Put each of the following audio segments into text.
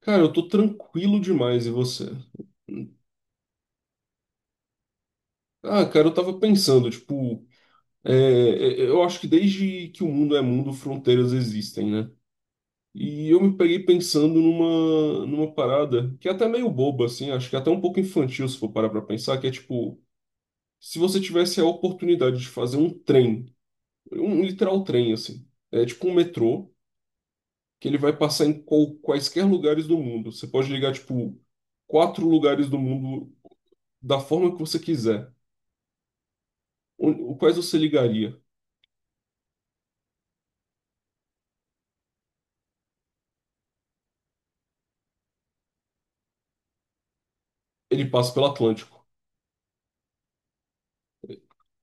Cara, eu tô tranquilo demais, e você? Ah, cara, eu tava pensando, tipo, eu acho que desde que o mundo é mundo, fronteiras existem, né? E eu me peguei pensando numa parada que é até meio boba, assim, acho que é até um pouco infantil se for parar pra pensar, que é tipo, se você tivesse a oportunidade de fazer um trem, um literal trem, assim, é tipo um metrô, que ele vai passar em quaisquer lugares do mundo. Você pode ligar, tipo, quatro lugares do mundo da forma que você quiser. O quais você ligaria? Ele passa pelo Atlântico.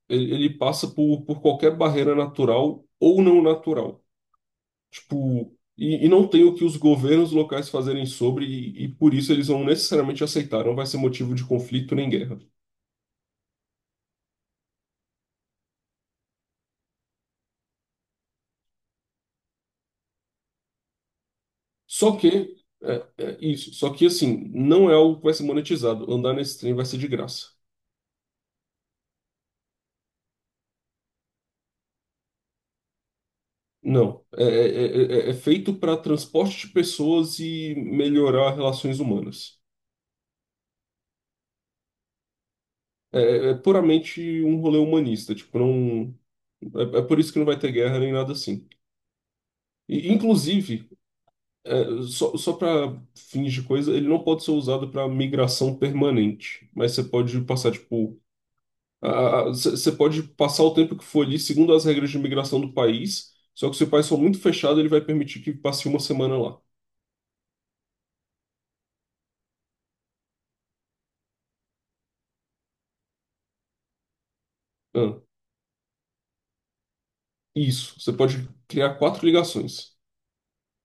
Ele passa por qualquer barreira natural ou não natural. Tipo, e não tem o que os governos locais fazerem sobre, e por isso eles vão necessariamente aceitar. Não vai ser motivo de conflito nem guerra. Só que, é isso. Só que, assim, não é algo que vai ser monetizado. Andar nesse trem vai ser de graça. Não. É é feito para transporte de pessoas e melhorar relações humanas. É é puramente um rolê humanista, tipo, não, é por isso que não vai ter guerra nem nada assim. E, inclusive, só para fins de coisa, ele não pode ser usado para migração permanente. Mas você pode passar, tipo. Você pode passar o tempo que for ali, segundo as regras de migração do país. Só que se o país for muito fechado, ele vai permitir que passe uma semana lá. Ah, isso. Você pode criar quatro ligações,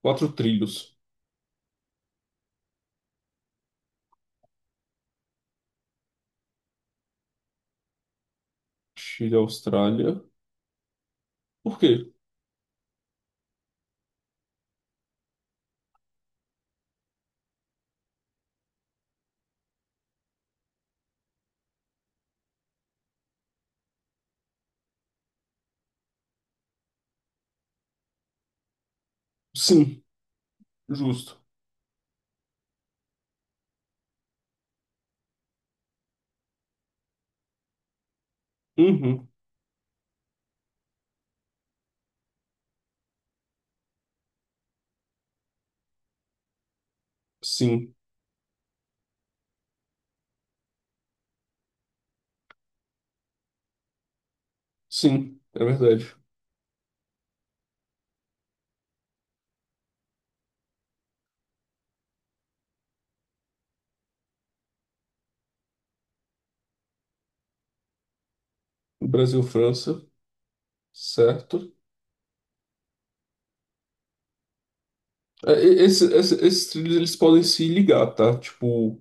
quatro trilhos. Chile, Austrália. Por quê? Sim, justo. Uhum, sim, sim, é verdade. Brasil, França. Certo. É, esses trilhos eles podem se ligar, tá? Tipo,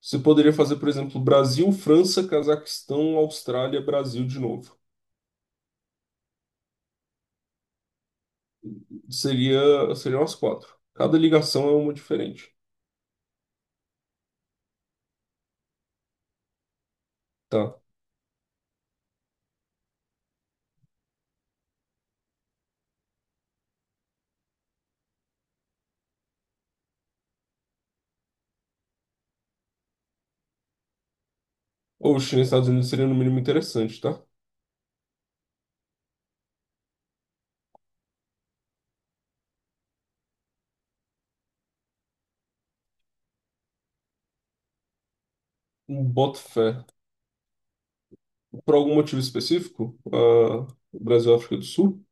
você poderia fazer, por exemplo, Brasil, França, Cazaquistão, Austrália, Brasil de novo. Seriam as quatro. Cada ligação é uma diferente, tá? Ou China e Estados Unidos seria no mínimo interessante, tá? Um Boto fé. Por algum motivo específico, ah, Brasil e África do Sul?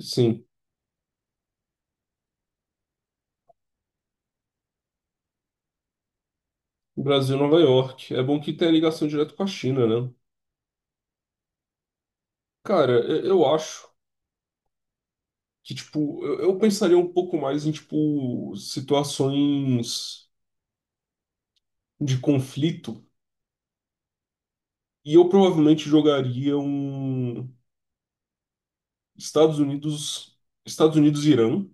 Sim, Brasil e Nova York. É bom que tenha ligação direto com a China, né? Cara, eu acho que, tipo, eu pensaria um pouco mais em, tipo, situações de conflito e eu provavelmente jogaria um Estados Unidos, Estados Unidos e Irã,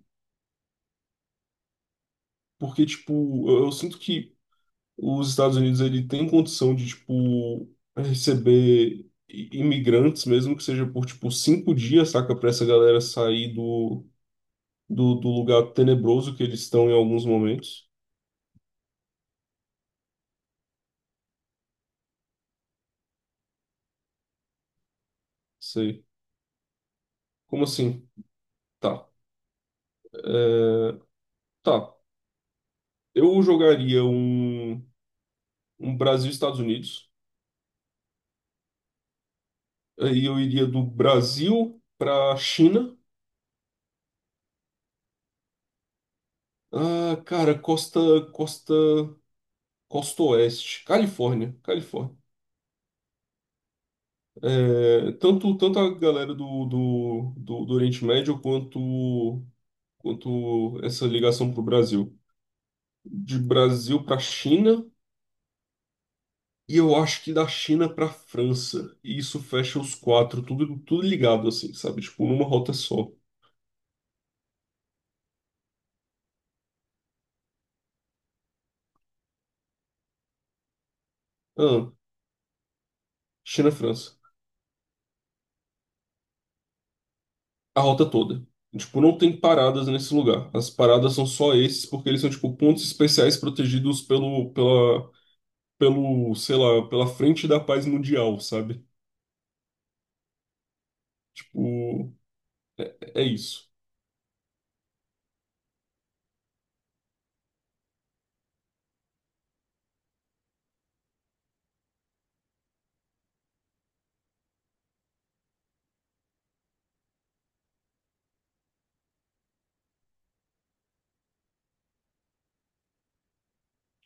porque, tipo, eu sinto que os Estados Unidos ele tem condição de tipo receber imigrantes, mesmo que seja por tipo 5 dias, saca, para essa galera sair do, do lugar tenebroso que eles estão em alguns momentos. Sei. Como assim? Tá, tá. Eu jogaria um Brasil e Estados Unidos. Aí eu iria do Brasil para China. Ah, cara, costa, costa oeste, Califórnia, Califórnia. É, tanto a galera do Oriente Médio quanto, quanto essa ligação para o Brasil. De Brasil para China e eu acho que da China para França. E isso fecha os quatro, tudo ligado assim, sabe? Tipo, numa rota só. Ah, China-França. A rota toda. Tipo, não tem paradas nesse lugar. As paradas são só esses porque eles são, tipo, pontos especiais protegidos sei lá, pela frente da paz mundial, sabe? Tipo. É isso.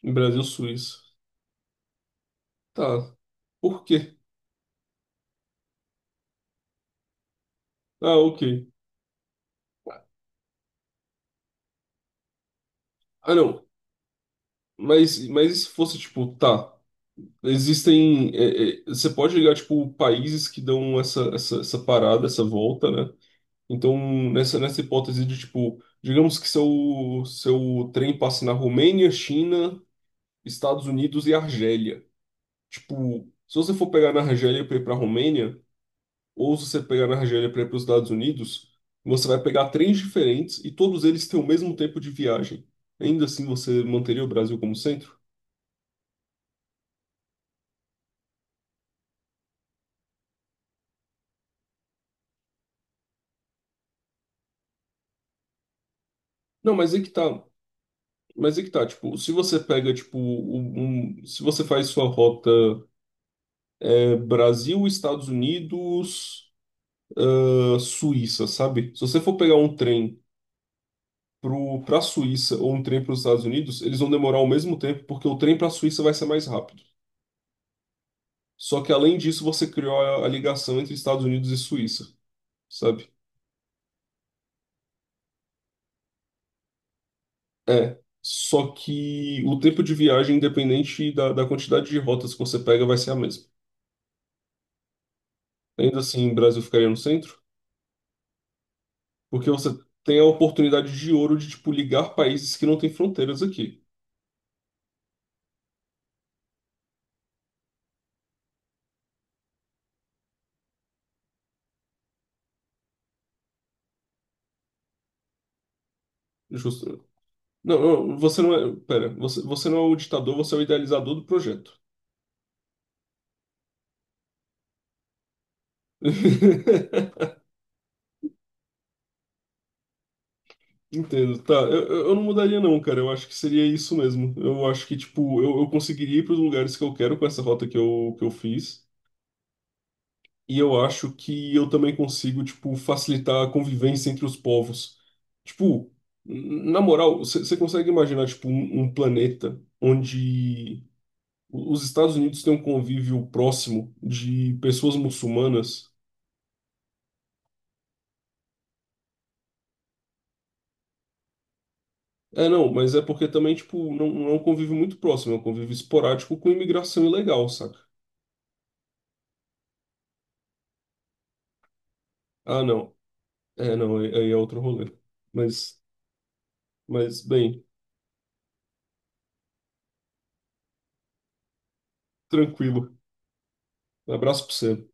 Brasil, Suíça. Tá. Por quê? Ah, ok. Ah, não. Mas e se fosse, tipo, tá. Existem. É, você pode ligar, tipo, países que dão essa, essa parada, essa volta, né? Então, nessa hipótese de, tipo, digamos que seu trem passe na Romênia, China, Estados Unidos e Argélia. Tipo, se você for pegar na Argélia para ir pra Romênia. Ou se você pegar na Argélia para ir para os Estados Unidos, você vai pegar trens diferentes e todos eles têm o mesmo tempo de viagem. Ainda assim, você manteria o Brasil como centro? Não, mas é que tá. Mas é que tá, tipo, se você pega, tipo, se você faz sua rota Brasil, Estados Unidos, ah, Suíça, sabe? Se você for pegar um trem pra Suíça ou um trem para os Estados Unidos, eles vão demorar o mesmo tempo, porque o trem pra Suíça vai ser mais rápido. Só que além disso, você criou a ligação entre Estados Unidos e Suíça, sabe? É. Só que o tempo de viagem, independente da quantidade de rotas que você pega, vai ser a mesma. Ainda assim, o Brasil ficaria no centro, porque você tem a oportunidade de ouro de, tipo, ligar países que não têm fronteiras aqui. Justo. Não, não, você não é. Pera, você, você não é o ditador, você é o idealizador do projeto. Entendo, tá. Eu, eu não mudaria, não, cara. Eu acho que seria isso mesmo. Eu acho que, tipo, eu conseguiria ir para os lugares que eu quero com essa rota que eu fiz. E eu acho que eu também consigo, tipo, facilitar a convivência entre os povos. Tipo, na moral, você consegue imaginar, tipo, um planeta onde os Estados Unidos têm um convívio próximo de pessoas muçulmanas? É, não, mas é porque também, tipo, não, não é um convívio muito próximo, é um convívio esporádico com imigração ilegal, saca? Ah, não. É, não, aí é outro rolê. Mas, mas bem, tranquilo. Um abraço pra você.